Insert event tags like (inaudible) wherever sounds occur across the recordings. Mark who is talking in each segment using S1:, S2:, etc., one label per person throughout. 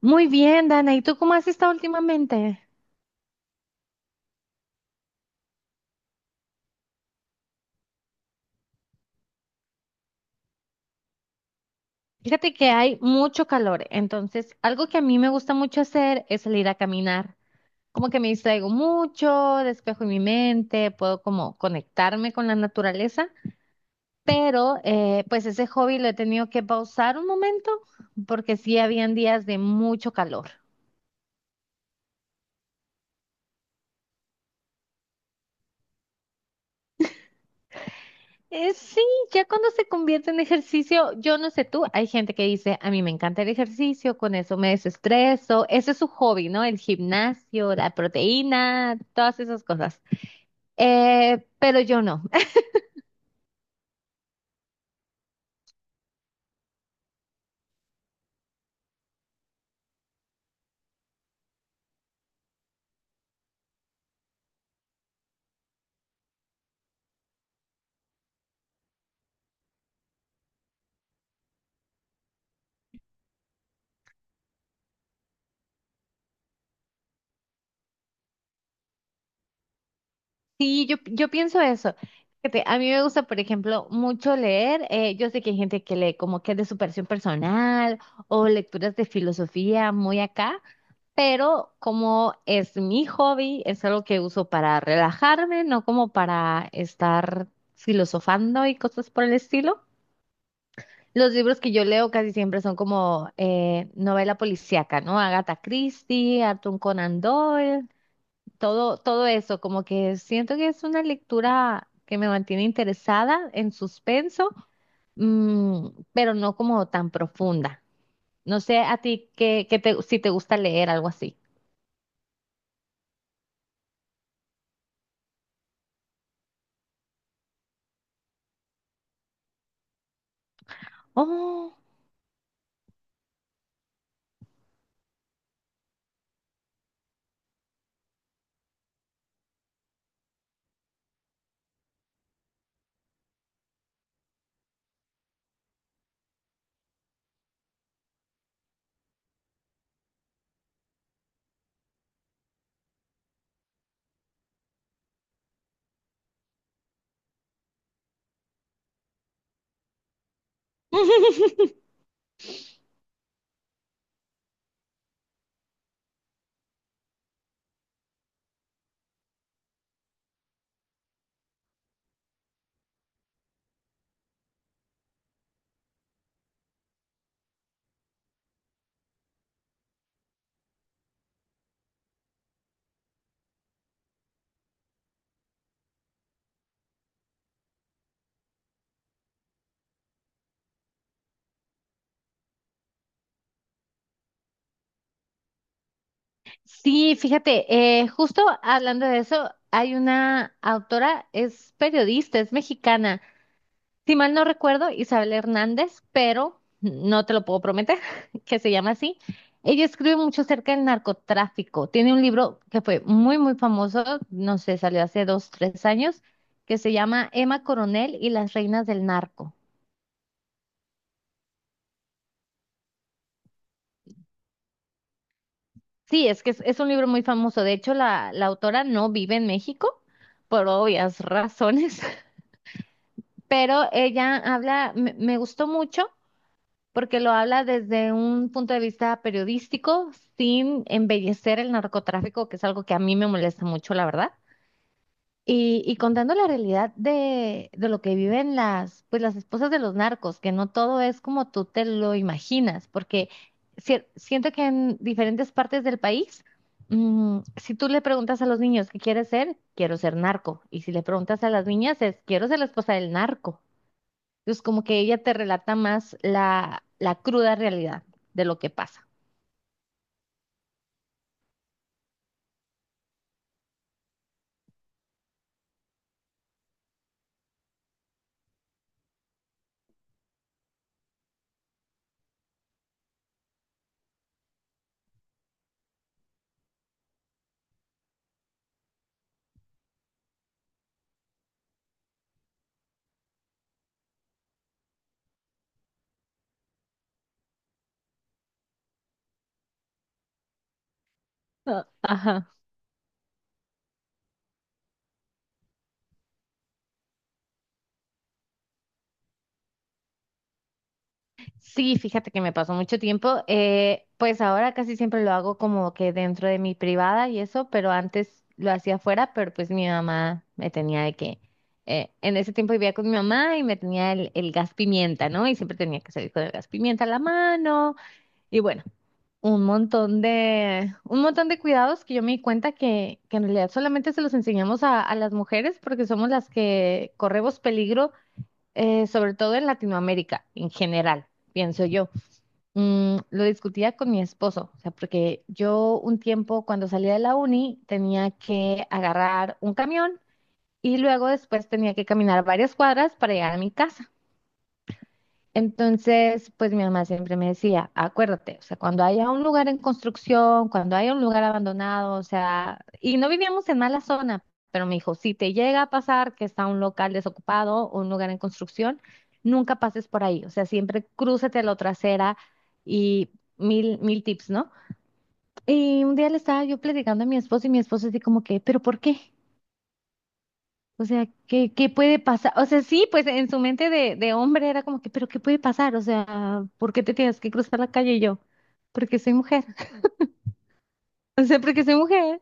S1: Muy bien, Dana. ¿Y tú cómo has estado últimamente? Fíjate que hay mucho calor, entonces algo que a mí me gusta mucho hacer es salir a caminar. Como que me distraigo mucho, despejo mi mente, puedo como conectarme con la naturaleza, pero pues ese hobby lo he tenido que pausar un momento porque sí habían días de mucho calor. Sí, ya cuando se convierte en ejercicio, yo no sé tú, hay gente que dice, a mí me encanta el ejercicio, con eso me desestreso, ese es su hobby, ¿no? El gimnasio, la proteína, todas esas cosas. Pero yo no. (laughs) Sí, yo pienso eso. Fíjate, a mí me gusta, por ejemplo, mucho leer. Yo sé que hay gente que lee como que es de superación personal o lecturas de filosofía muy acá. Pero como es mi hobby, es algo que uso para relajarme, no como para estar filosofando y cosas por el estilo. Los libros que yo leo casi siempre son como novela policíaca, ¿no? Agatha Christie, Arthur Conan Doyle, todo eso, como que siento que es una lectura que me mantiene interesada en suspenso, pero no como tan profunda. No sé a ti qué, si te gusta leer algo así. Oh. (laughs) Sí, fíjate, justo hablando de eso, hay una autora, es periodista, es mexicana, si mal no recuerdo, Isabel Hernández, pero no te lo puedo prometer, (laughs) que se llama así. Ella escribe mucho acerca del narcotráfico. Tiene un libro que fue muy, muy famoso, no sé, salió hace dos, tres años, que se llama Emma Coronel y las reinas del narco. Sí, es que es un libro muy famoso. De hecho, la autora no vive en México por obvias razones. (laughs) Pero ella habla, me gustó mucho porque lo habla desde un punto de vista periodístico, sin embellecer el narcotráfico, que es algo que a mí me molesta mucho, la verdad. Y contando la realidad de lo que viven pues las esposas de los narcos, que no todo es como tú te lo imaginas, porque siento que en diferentes partes del país, si tú le preguntas a los niños qué quieres ser, quiero ser narco, y si le preguntas a las niñas es, quiero ser la esposa del narco. Entonces, como que ella te relata más la cruda realidad de lo que pasa. Ah, ajá. Sí, fíjate que me pasó mucho tiempo. Pues ahora casi siempre lo hago como que dentro de mi privada y eso, pero antes lo hacía afuera, pero pues mi mamá me tenía de que, en ese tiempo vivía con mi mamá y me tenía el gas pimienta, ¿no? Y siempre tenía que salir con el gas pimienta a la mano. Y bueno, un montón de cuidados que yo me di cuenta que en realidad solamente se los enseñamos a las mujeres porque somos las que corremos peligro, sobre todo en Latinoamérica, en general, pienso yo. Lo discutía con mi esposo, o sea, porque yo un tiempo cuando salía de la uni tenía que agarrar un camión y luego después tenía que caminar varias cuadras para llegar a mi casa. Entonces, pues mi mamá siempre me decía, acuérdate, o sea, cuando haya un lugar en construcción, cuando haya un lugar abandonado, o sea, y no vivíamos en mala zona, pero me dijo, si te llega a pasar que está un local desocupado o un lugar en construcción, nunca pases por ahí, o sea, siempre crúzate a la trasera y mil, mil tips, ¿no? Y un día le estaba yo platicando a mi esposo y mi esposo así como que, ¿pero por qué? O sea, ¿qué puede pasar? O sea, sí, pues en su mente de hombre era como que, pero ¿qué puede pasar? O sea, ¿por qué te tienes que cruzar la calle y yo? Porque soy mujer. (laughs) O sea, porque soy mujer.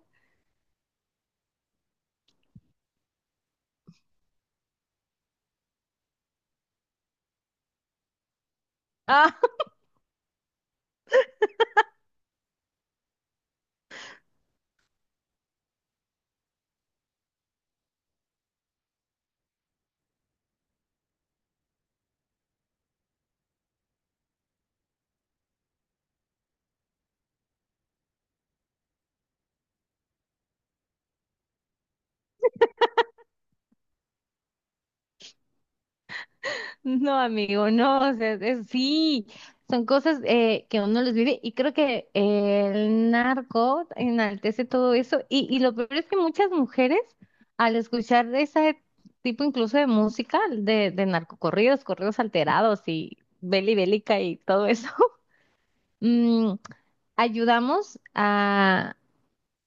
S1: Ah, (laughs) no, amigo, no, o sea, sí, son cosas que uno los vive y creo que el narco enaltece todo eso y lo peor es que muchas mujeres al escuchar ese tipo incluso de música, de, narcocorridos, corridos alterados y beli bélica y todo eso. (laughs) Ayudamos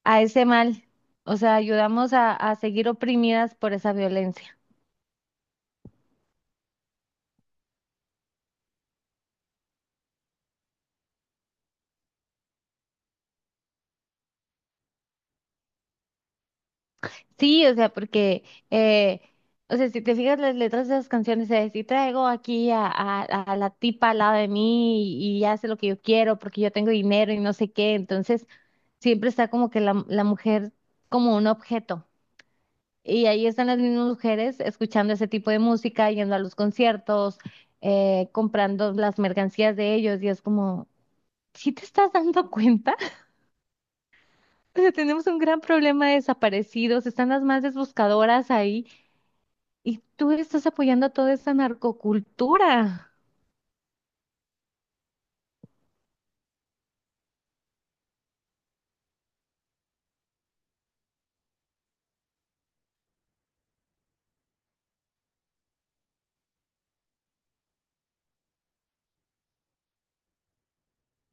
S1: a ese mal, o sea, ayudamos a seguir oprimidas por esa violencia. Sí, o sea, porque, eh, o sea, si te fijas las letras de esas canciones, si traigo aquí a la tipa al lado de mí y hace lo que yo quiero porque yo tengo dinero y no sé qué, entonces siempre está como que la mujer como un objeto. Y ahí están las mismas mujeres escuchando ese tipo de música, yendo a los conciertos, comprando las mercancías de ellos y es como, ¿si te estás dando cuenta? (laughs) O sea, tenemos un gran problema de desaparecidos, están las madres buscadoras ahí y tú estás apoyando a toda esa narcocultura.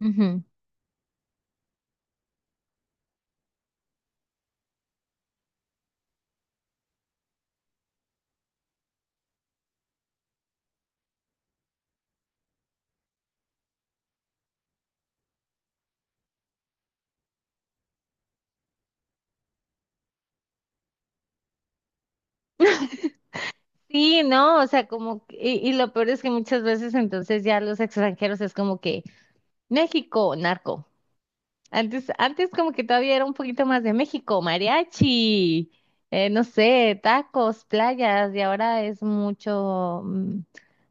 S1: Ujú. Sí, no, o sea, como, y lo peor es que muchas veces entonces ya los extranjeros es como que México, narco. Antes como que todavía era un poquito más de México, mariachi, no sé, tacos, playas, y ahora es mucho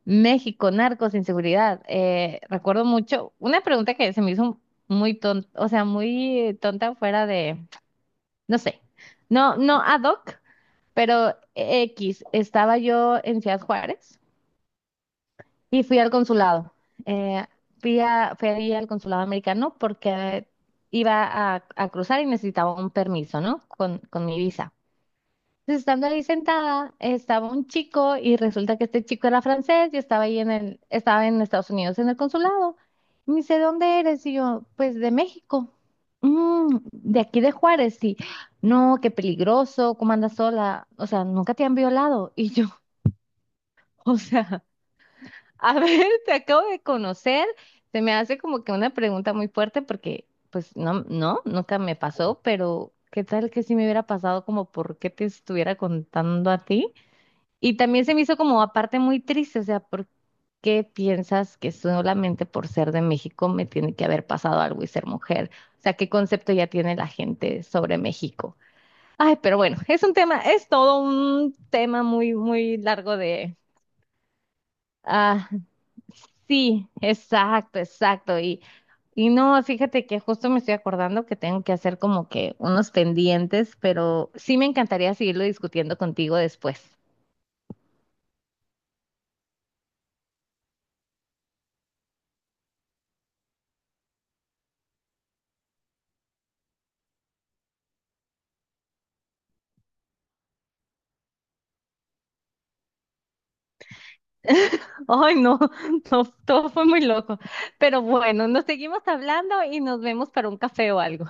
S1: México, narcos, inseguridad. Recuerdo mucho una pregunta que se me hizo muy tonta, o sea, muy tonta fuera de, no sé, no, no ad hoc, pero X, estaba yo en Ciudad Juárez y fui al consulado. Eh, fui ahí al consulado americano porque iba a cruzar y necesitaba un permiso, ¿no? Con mi visa. Entonces, estando ahí sentada, estaba un chico y resulta que este chico era francés y estaba ahí estaba en Estados Unidos en el consulado. Y me dice, ¿dónde eres? Y yo, pues de México. "Mm, de aquí de Juárez, sí. No, qué peligroso, ¿cómo andas sola? O sea, nunca te han violado." Y yo, (laughs) o sea. A ver, (laughs) te acabo de conocer. Se me hace como que una pregunta muy fuerte porque, pues, no, no, nunca me pasó, pero ¿qué tal que si me hubiera pasado como por qué te estuviera contando a ti? Y también se me hizo como aparte muy triste, o sea, ¿por qué piensas que solamente por ser de México me tiene que haber pasado algo y ser mujer? O sea, ¿qué concepto ya tiene la gente sobre México? Ay, pero bueno, es un tema, es todo un tema muy, muy largo. Ah, sí, exacto, exacto. Y no, fíjate que justo me estoy acordando que tengo que hacer como que unos pendientes, pero sí me encantaría seguirlo discutiendo contigo después. (laughs) Ay, no, no, todo fue muy loco. Pero bueno, nos seguimos hablando y nos vemos para un café o algo.